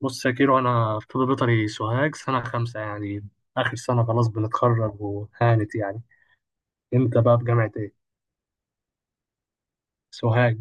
بص يا كيرو، انا في طب بيطري سوهاج سنة 5 يعني، اخر سنه، خلاص بنتخرج وهانت يعني. انت بقى في جامعه ايه؟ سوهاج.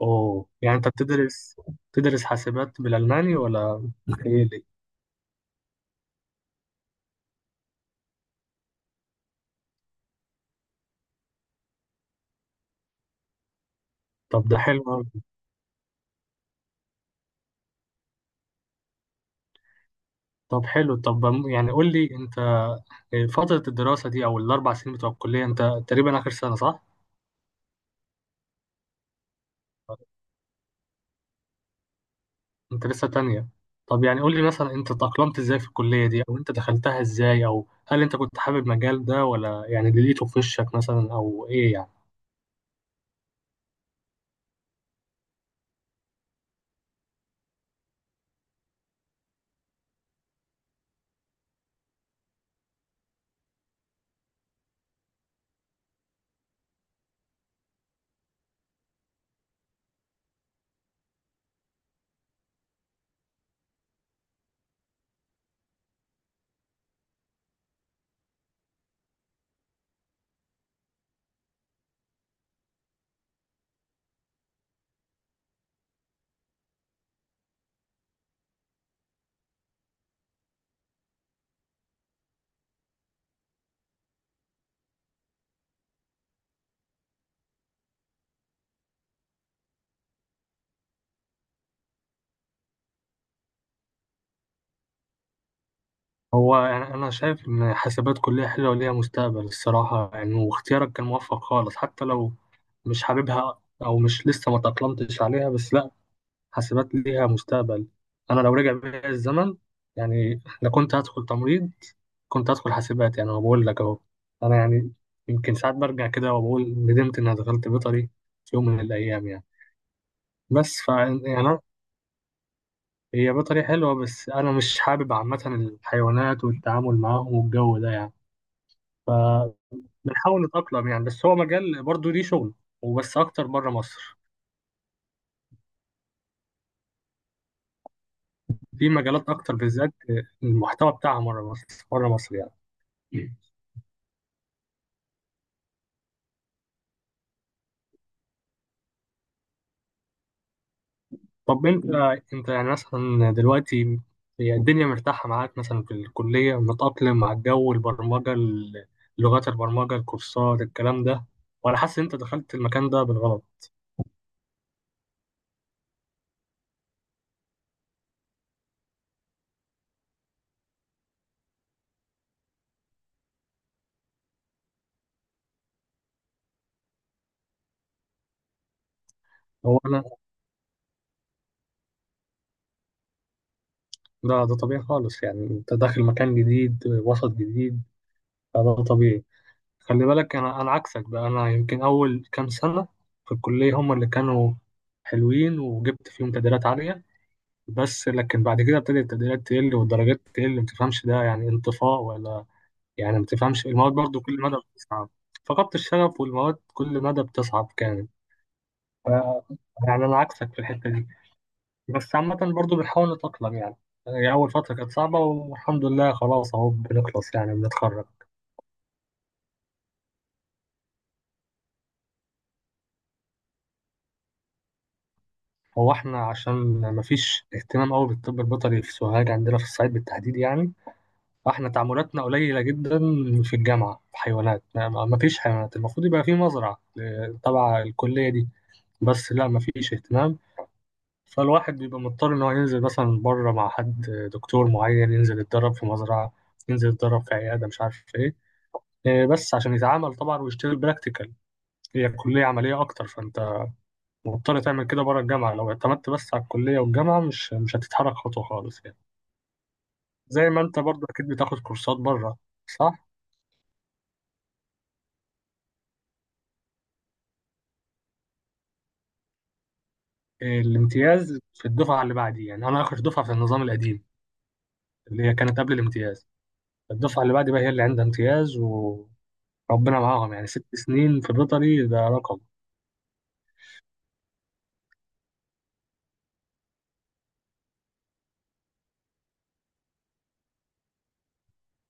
اوه، يعني انت بتدرس بتدرس حاسبات بالالماني، ولا متهيألي؟ طب ده حلو أوي. طب حلو، طب يعني قول لي انت، فتره الدراسه دي او ال4 سنين بتوع الكليه، انت تقريبا اخر سنه، صح؟ انت لسه تانية؟ طب يعني قول لي مثلا، انت تأقلمت ازاي في الكلية دي، او انت دخلتها ازاي، او هل انت كنت حابب المجال ده ولا يعني اللي لقيته في وشك مثلا، او ايه يعني؟ هو يعني أنا شايف إن حاسبات كلية حلوة وليها مستقبل الصراحة يعني، واختيارك كان موفق خالص. حتى لو مش حاببها، أو مش لسه ما تأقلمتش عليها، بس لأ، حاسبات ليها مستقبل. أنا لو رجع بيا الزمن، يعني لو كنت هدخل تمريض، كنت هدخل حاسبات. يعني أنا بقول لك أهو، أنا يعني يمكن ساعات برجع كده وبقول ندمت إني دخلت بيطري في يوم من الأيام يعني. بس ف يعني هي بيطري حلوة، بس أنا مش حابب عامة الحيوانات والتعامل معاهم والجو ده يعني. بنحاول نتأقلم يعني، بس هو مجال برضه ليه شغل، وبس أكتر بره مصر. في مجالات أكتر بالذات المحتوى بتاعها بره مصر، بره مصر يعني. طب أنت يعني مثلا دلوقتي، هي الدنيا مرتاحة معاك مثلا في الكلية، متأقلم مع الجو، البرمجة، لغات البرمجة، الكورسات، الكلام ده؟ وأنا حاسس إن أنت دخلت المكان ده بالغلط. هو أنا ده طبيعي خالص يعني. أنت داخل مكان جديد، وسط جديد، فده طبيعي. خلي بالك، انا عكسك بقى، انا يمكن اول كام سنه في الكليه هم اللي كانوا حلوين، وجبت فيهم تقديرات عاليه. بس لكن بعد كده ابتدت التقديرات تقل والدرجات تقل. ما تفهمش ده يعني انطفاء ولا يعني ما تفهمش المواد برضو كل مدى بتصعب؟ فقدت الشغف، والمواد كل مدى بتصعب كانت. ف- يعني انا عكسك في الحته دي، بس عامه برضو بنحاول نتاقلم يعني. يعني اول فتره كانت صعبه، والحمد لله خلاص اهو بنخلص، يعني بنتخرج. هو احنا عشان مفيش اهتمام قوي بالطب البيطري في سوهاج عندنا في الصعيد بالتحديد يعني، فاحنا تعاملاتنا قليلة جدا. في الجامعة في حيوانات، مفيش حيوانات. المفروض يبقى في مزرعة تبع الكلية دي، بس لا مفيش اهتمام. فالواحد بيبقى مضطر ان هو ينزل مثلا بره مع حد، دكتور معين، ينزل يتدرب في مزرعة، ينزل يتدرب في عيادة، مش عارف ايه. بس عشان يتعامل طبعا ويشتغل براكتيكال. هي كلية عملية أكتر، فأنت مضطر تعمل كده بره الجامعة. لو اعتمدت بس على الكلية والجامعة، مش هتتحرك خطوة خالص يعني. زي ما انت برضه اكيد بتاخد كورسات بره، صح؟ الامتياز في الدفعة اللي بعدي. يعني انا اخر دفعة في النظام القديم، اللي هي كانت قبل الامتياز. الدفعة اللي بعدي بقى هي اللي عندها امتياز، وربنا معاهم، يعني 6 سنين في بيطري ده رقم.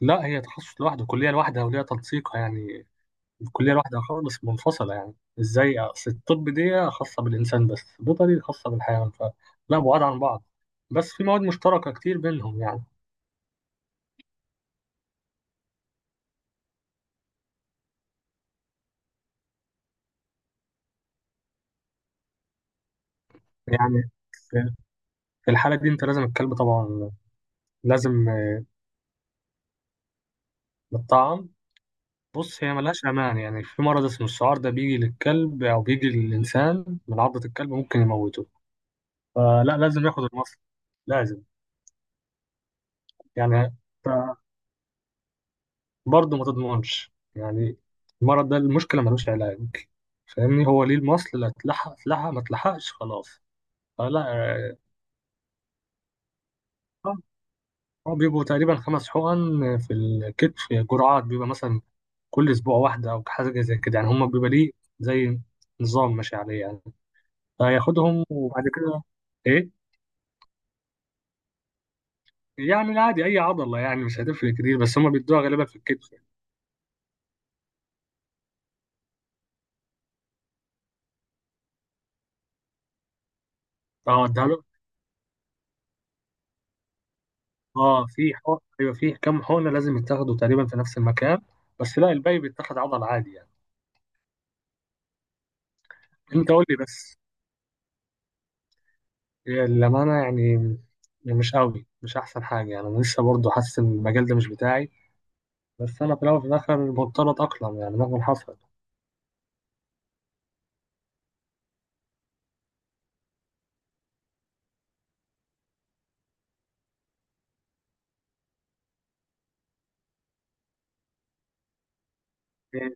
لا، هي تخصص لوحده، كلية لوحدها، وليها تنسيقها يعني. كلية لوحدها خالص منفصلة يعني. ازاي؟ اصل الطب دي خاصة بالإنسان، بس بيطري خاصة بالحيوان، فلا بعاد عن بعض. بس في مواد مشتركة كتير بينهم يعني. يعني في، في الحالة دي انت لازم الكلب طبعا لازم، يتطعم. بص، هي ملهاش أمان. يعني في مرض اسمه السعار، ده بيجي للكلب أو بيجي للإنسان من عضة الكلب، ممكن يموته. فلا، لازم ياخد المصل، لازم. يعني برضه ما تضمنش يعني، المرض ده المشكلة ملوش علاج، فاهمني؟ هو ليه المصل، لا اتلحق اتلحق، ما اتلحقش خلاص. فلا هو بيبقوا تقريبا 5 حقن في الكتف، جرعات، بيبقى مثلا كل أسبوع واحدة أو حاجة زي كده يعني. هما بيبقى ليه زي نظام ماشي عليه يعني، فياخدهم وبعد كده. إيه؟ يعني عادي أي عضلة، يعني مش هتفرق كتير، بس هما بيدوها غالبا في الكتف. اه ده، اه في حقن، ايوه، في كام حقنه لازم يتاخدوا تقريبا في نفس المكان، بس لا الباقي بيتاخد عضل عادي يعني. انت قول لي بس. هي الامانه يعني مش قوي، مش احسن حاجه يعني. انا لسه برضه حاسس ان المجال ده مش بتاعي، بس انا في الاول وفي الاخر مضطر اتاقلم يعني مهما حصل. إيه،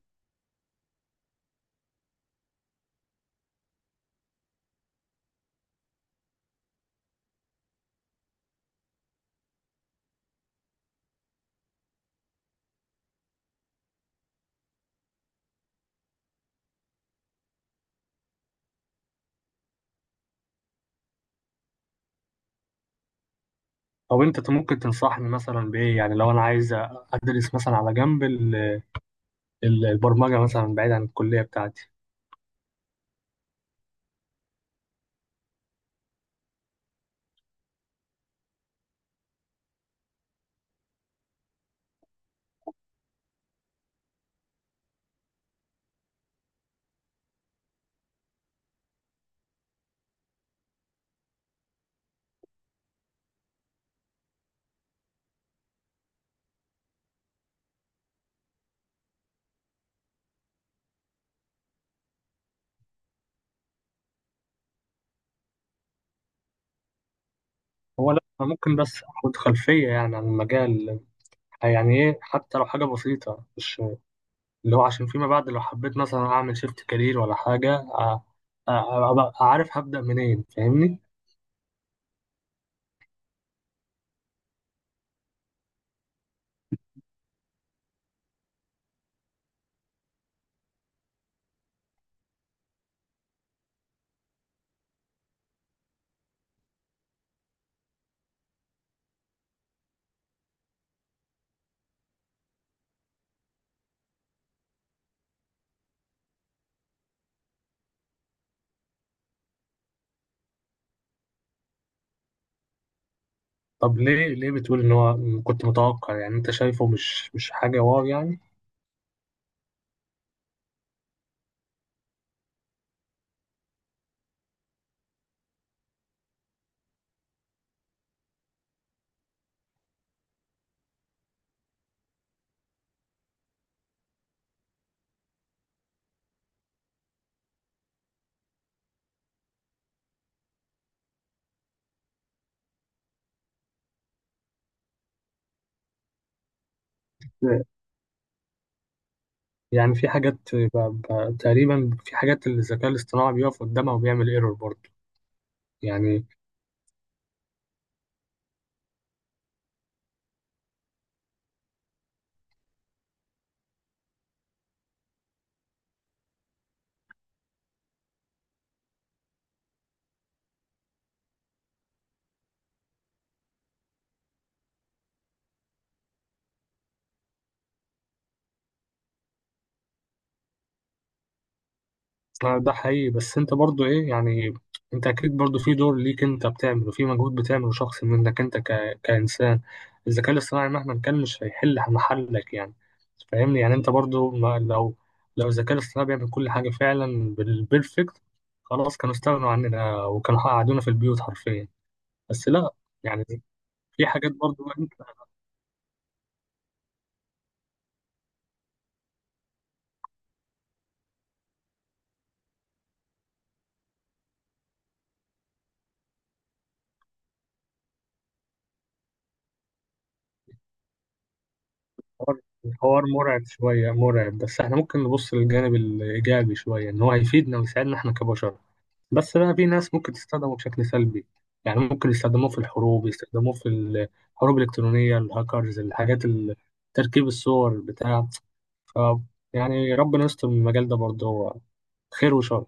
طب انت ممكن تنصحني مثلا بايه يعني، لو انا عايز ادرس مثلا على جنب البرمجه مثلا بعيد عن الكليه بتاعتي؟ هو لا، انا ممكن بس اخد خلفيه يعني عن المجال، يعني ايه، حتى لو حاجه بسيطه. مش اللي هو عشان فيما بعد لو حبيت مثلا اعمل شيفت كارير ولا حاجه، أبقى عارف هبدا منين، فاهمني؟ طب ليه بتقول ان هو كنت متوقع يعني، انت شايفه مش، مش حاجه واو يعني؟ يعني في حاجات تقريبا، في حاجات اللي الذكاء الاصطناعي بيقف قدامها وبيعمل ايرور برضه؟ يعني ده حقيقي، بس انت برضو ايه يعني؟ انت اكيد برضو في دور ليك انت بتعمله، في مجهود بتعمله شخص منك انت كإنسان. الذكاء الاصطناعي مهما كان مش هيحل محلك يعني، فاهمني؟ يعني انت برضو ما، لو الذكاء الاصطناعي بيعمل كل حاجة فعلا بالبيرفكت، خلاص كانوا استغنوا عننا وكانوا قعدونا في البيوت حرفيا. بس لا يعني، في حاجات برضو انت. الحوار، الحوار مرعب شوية، مرعب، بس احنا ممكن نبص للجانب الإيجابي شوية، ان هو هيفيدنا ويساعدنا احنا كبشر، بس بقى في ناس ممكن تستخدمه بشكل سلبي يعني. ممكن يستخدموه في الحروب، يستخدموه في الحروب الإلكترونية، الهاكرز، الحاجات تركيب الصور بتاع. ف يعني ربنا يستر من المجال ده برضه، هو خير وشر.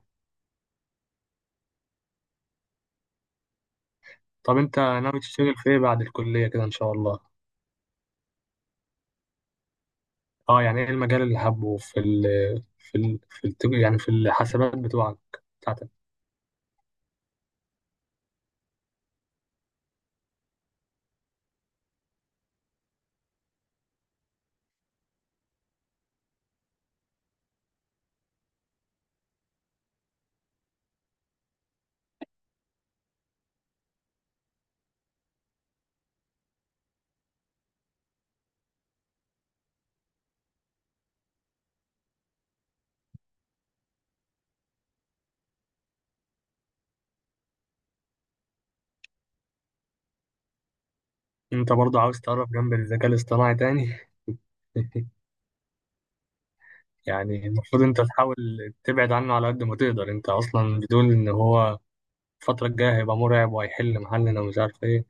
طب انت ناوي تشتغل في ايه بعد الكلية كده ان شاء الله؟ اه، يعني ايه المجال اللي حابه في ال في ال في الت- يعني في الحسابات بتوعك بتاعتك؟ انت برضه عاوز تقرب جنب الذكاء الاصطناعي تاني؟ يعني المفروض انت تحاول تبعد عنه على قد ما تقدر. انت اصلا بتقول ان هو الفترة الجاية هيبقى مرعب وهيحل محلنا ومش عارف ايه.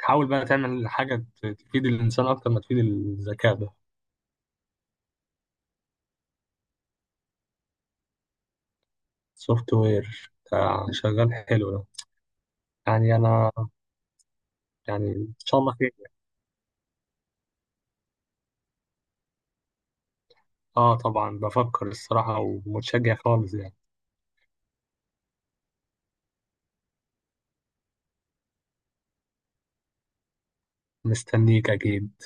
حاول بقى تعمل حاجة تفيد الانسان اكتر ما تفيد الذكاء ده. سوفت وير بتاع شغال حلو ده. يعني انا، يعني ان شاء الله خير. اه طبعا بفكر الصراحة، ومتشجع خالص يعني. مستنيك اكيد.